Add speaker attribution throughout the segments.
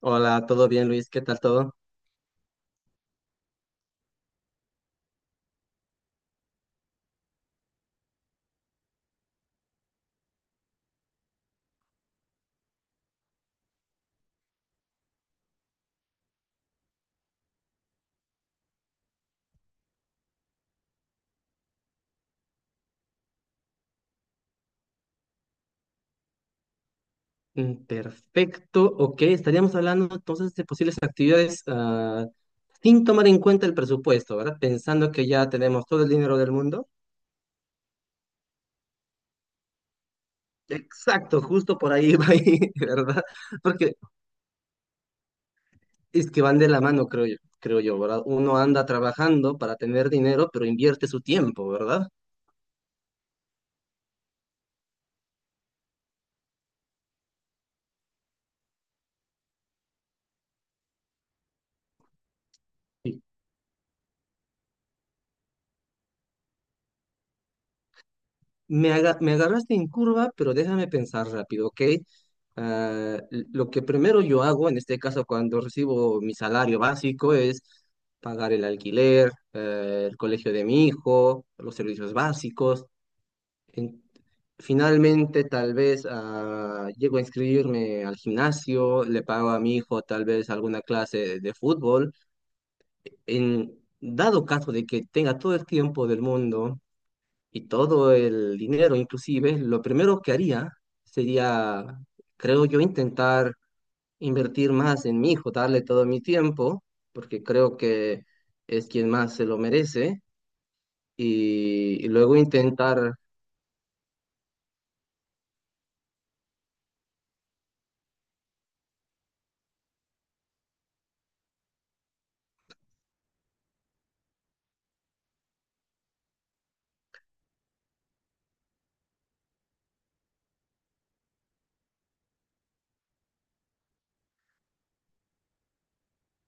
Speaker 1: Hola, ¿todo bien, Luis? ¿Qué tal todo? Perfecto, ok. Estaríamos hablando entonces de posibles actividades sin tomar en cuenta el presupuesto, ¿verdad? Pensando que ya tenemos todo el dinero del mundo. Exacto, justo por ahí va, ahí, ¿verdad? Porque es que van de la mano, creo yo, ¿verdad? Uno anda trabajando para tener dinero, pero invierte su tiempo, ¿verdad? Me agarraste en curva, pero déjame pensar rápido, ¿ok? Lo que primero yo hago, en este caso cuando recibo mi salario básico, es pagar el alquiler, el colegio de mi hijo, los servicios básicos. En- Finalmente, tal vez llego a inscribirme al gimnasio, le pago a mi hijo tal vez alguna clase de fútbol. En dado caso de que tenga todo el tiempo del mundo y todo el dinero, inclusive, lo primero que haría sería, creo yo, intentar invertir más en mi hijo, darle todo mi tiempo, porque creo que es quien más se lo merece, y luego intentar,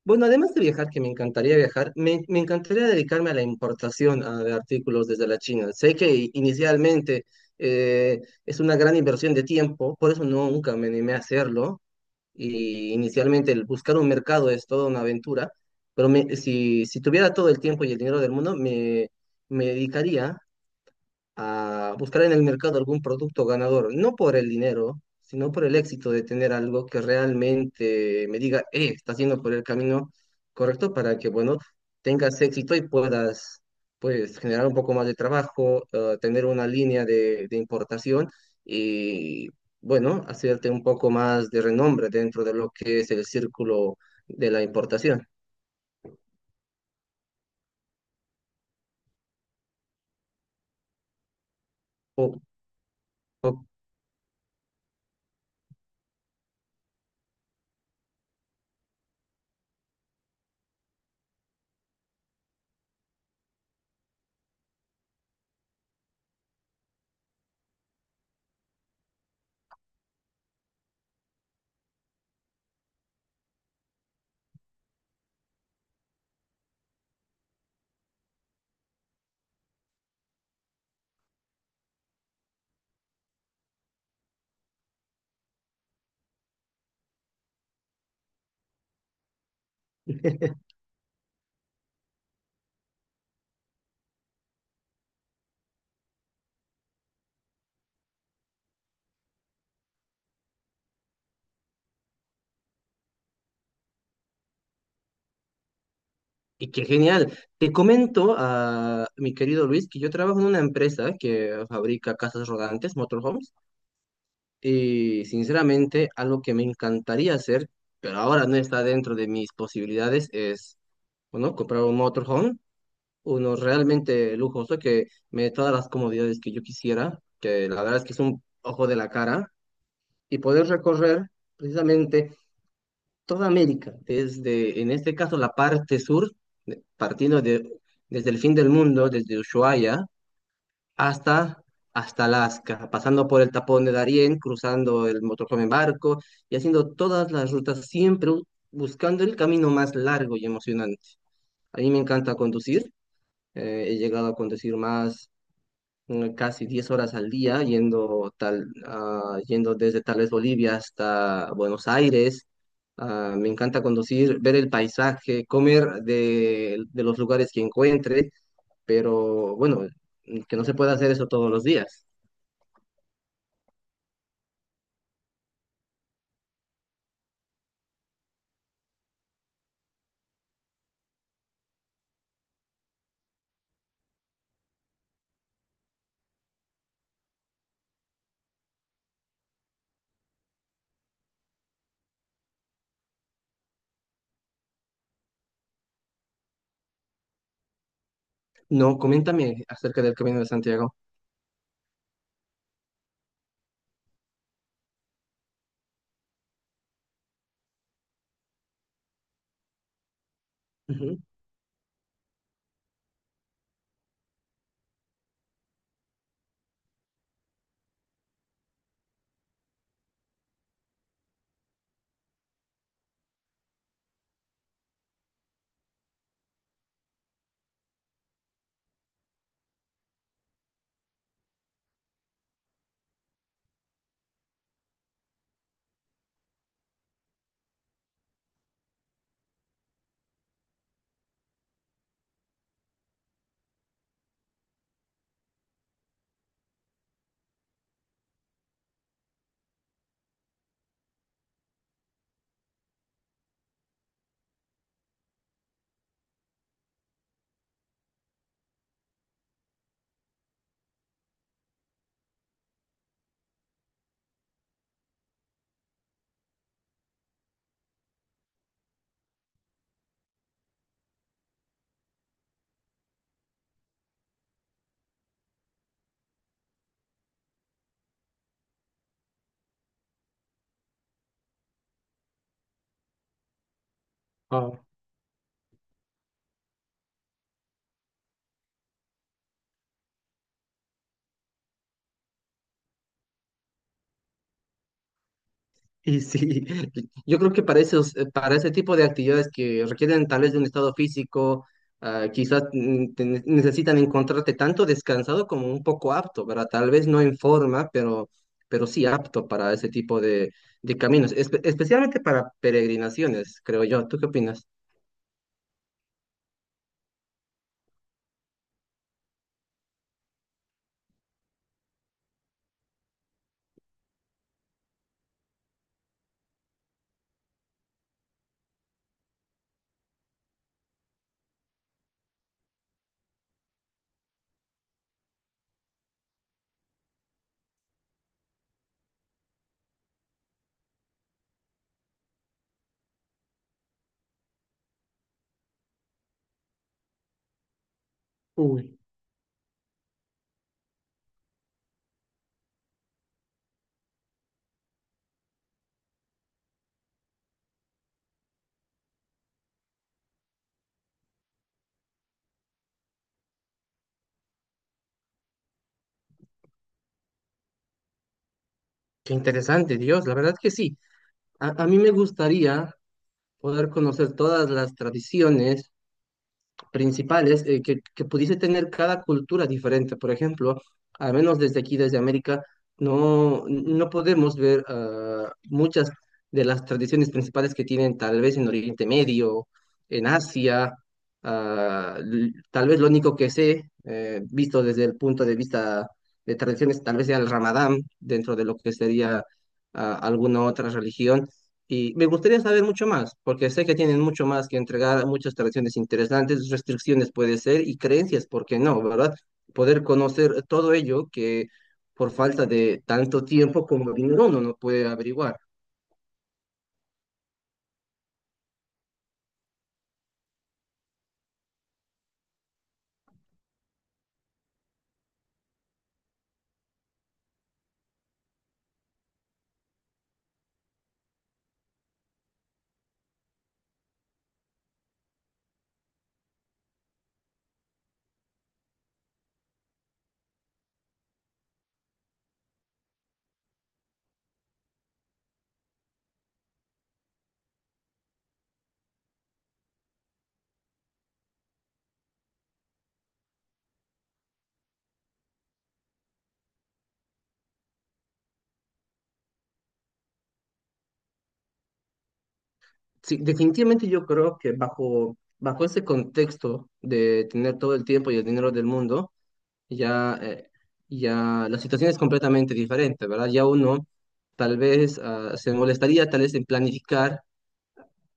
Speaker 1: bueno, además de viajar, que me encantaría viajar, me encantaría dedicarme a la importación de artículos desde la China. Sé que inicialmente es una gran inversión de tiempo, por eso no, nunca me animé a hacerlo, y inicialmente el buscar un mercado es toda una aventura, pero si tuviera todo el tiempo y el dinero del mundo, me dedicaría a buscar en el mercado algún producto ganador, no por el dinero, sino por el éxito de tener algo que realmente me diga, estás yendo por el camino correcto para que, bueno, tengas éxito y puedas, pues, generar un poco más de trabajo, tener una línea de importación y, bueno, hacerte un poco más de renombre dentro de lo que es el círculo de la importación. ¿O, o Y qué genial. Te comento, a mi querido Luis, que yo trabajo en una empresa que fabrica casas rodantes, motorhomes, y sinceramente algo que me encantaría hacer, pero ahora no está dentro de mis posibilidades, es, bueno, comprar un motorhome, uno realmente lujoso que me dé todas las comodidades que yo quisiera, que la verdad es que es un ojo de la cara, y poder recorrer precisamente toda América, desde, en este caso, la parte sur, partiendo desde el fin del mundo, desde Ushuaia hasta, hasta Alaska, pasando por el tapón de Darién, cruzando el Motorhome en barco y haciendo todas las rutas, buscando el camino más largo y emocionante. A mí me encanta conducir, he llegado a conducir más casi 10 horas al día yendo, yendo desde tal vez Bolivia hasta Buenos Aires. Ah, me encanta conducir, ver el paisaje, comer de los lugares que encuentre, pero bueno, que no se puede hacer eso todos los días. No, coméntame acerca del Camino de Santiago. Ujú. Y sí, yo creo que para esos, para ese tipo de actividades que requieren tal vez de un estado físico, ah, quizás necesitan encontrarte tanto descansado como un poco apto, ¿verdad? Tal vez no en forma, pero sí apto para ese tipo de caminos, especialmente para peregrinaciones, creo yo. ¿Tú qué opinas? Uy, qué interesante, Dios, la verdad que sí. A mí me gustaría poder conocer todas las tradiciones principales que pudiese tener cada cultura diferente. Por ejemplo, al menos desde aquí, desde América, no, no podemos ver muchas de las tradiciones principales que tienen tal vez en Oriente Medio, en Asia. Tal vez lo único que sé, visto desde el punto de vista de tradiciones, tal vez sea el Ramadán, dentro de lo que sería alguna otra religión y me gustaría saber mucho más, porque sé que tienen mucho más que entregar, muchas tradiciones interesantes, restricciones puede ser y creencias, ¿por qué no, verdad? Poder conocer todo ello que por falta de tanto tiempo como dinero uno no puede averiguar. Sí, definitivamente yo creo que bajo ese contexto de tener todo el tiempo y el dinero del mundo, ya, eh, ya la situación es completamente diferente, ¿verdad? Ya uno tal vez se molestaría tal vez en planificar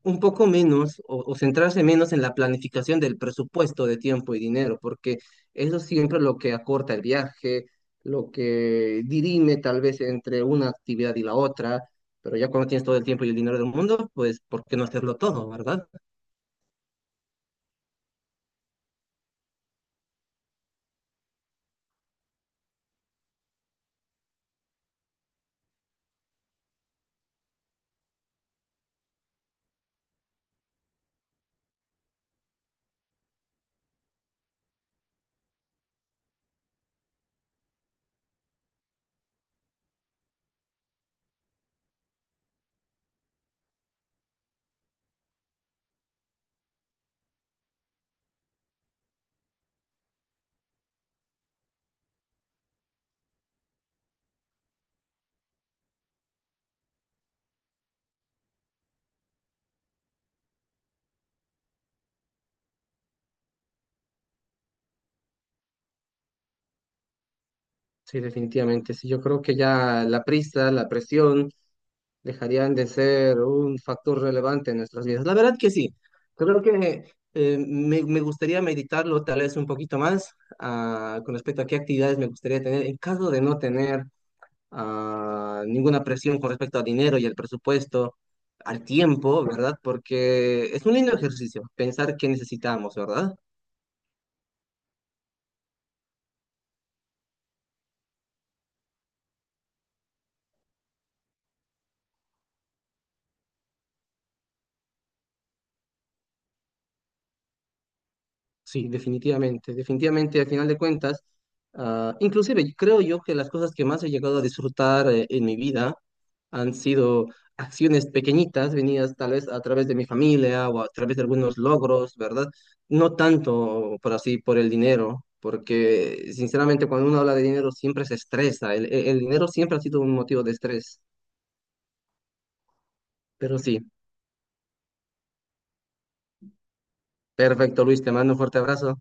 Speaker 1: un poco menos o centrarse menos en la planificación del presupuesto de tiempo y dinero, porque eso es siempre lo que acorta el viaje, lo que dirime tal vez entre una actividad y la otra, pero ya cuando tienes todo el tiempo y el dinero del mundo, pues ¿por qué no hacerlo todo, verdad? Sí, definitivamente. Sí, yo creo que ya la prisa, la presión dejarían de ser un factor relevante en nuestras vidas. La verdad que sí, creo que me gustaría meditarlo tal vez un poquito más con respecto a qué actividades me gustaría tener en caso de no tener ninguna presión con respecto al dinero y al presupuesto, al tiempo, ¿verdad? Porque es un lindo ejercicio pensar qué necesitamos, ¿verdad? Sí, definitivamente, definitivamente, al final de cuentas, inclusive creo yo que las cosas que más he llegado a disfrutar en mi vida han sido acciones pequeñitas, venidas tal vez a través de mi familia o a través de algunos logros, ¿verdad? No tanto por así, por el dinero, porque sinceramente cuando uno habla de dinero siempre se estresa, el dinero siempre ha sido un motivo de estrés, pero sí, perfecto, Luis, te mando un fuerte abrazo.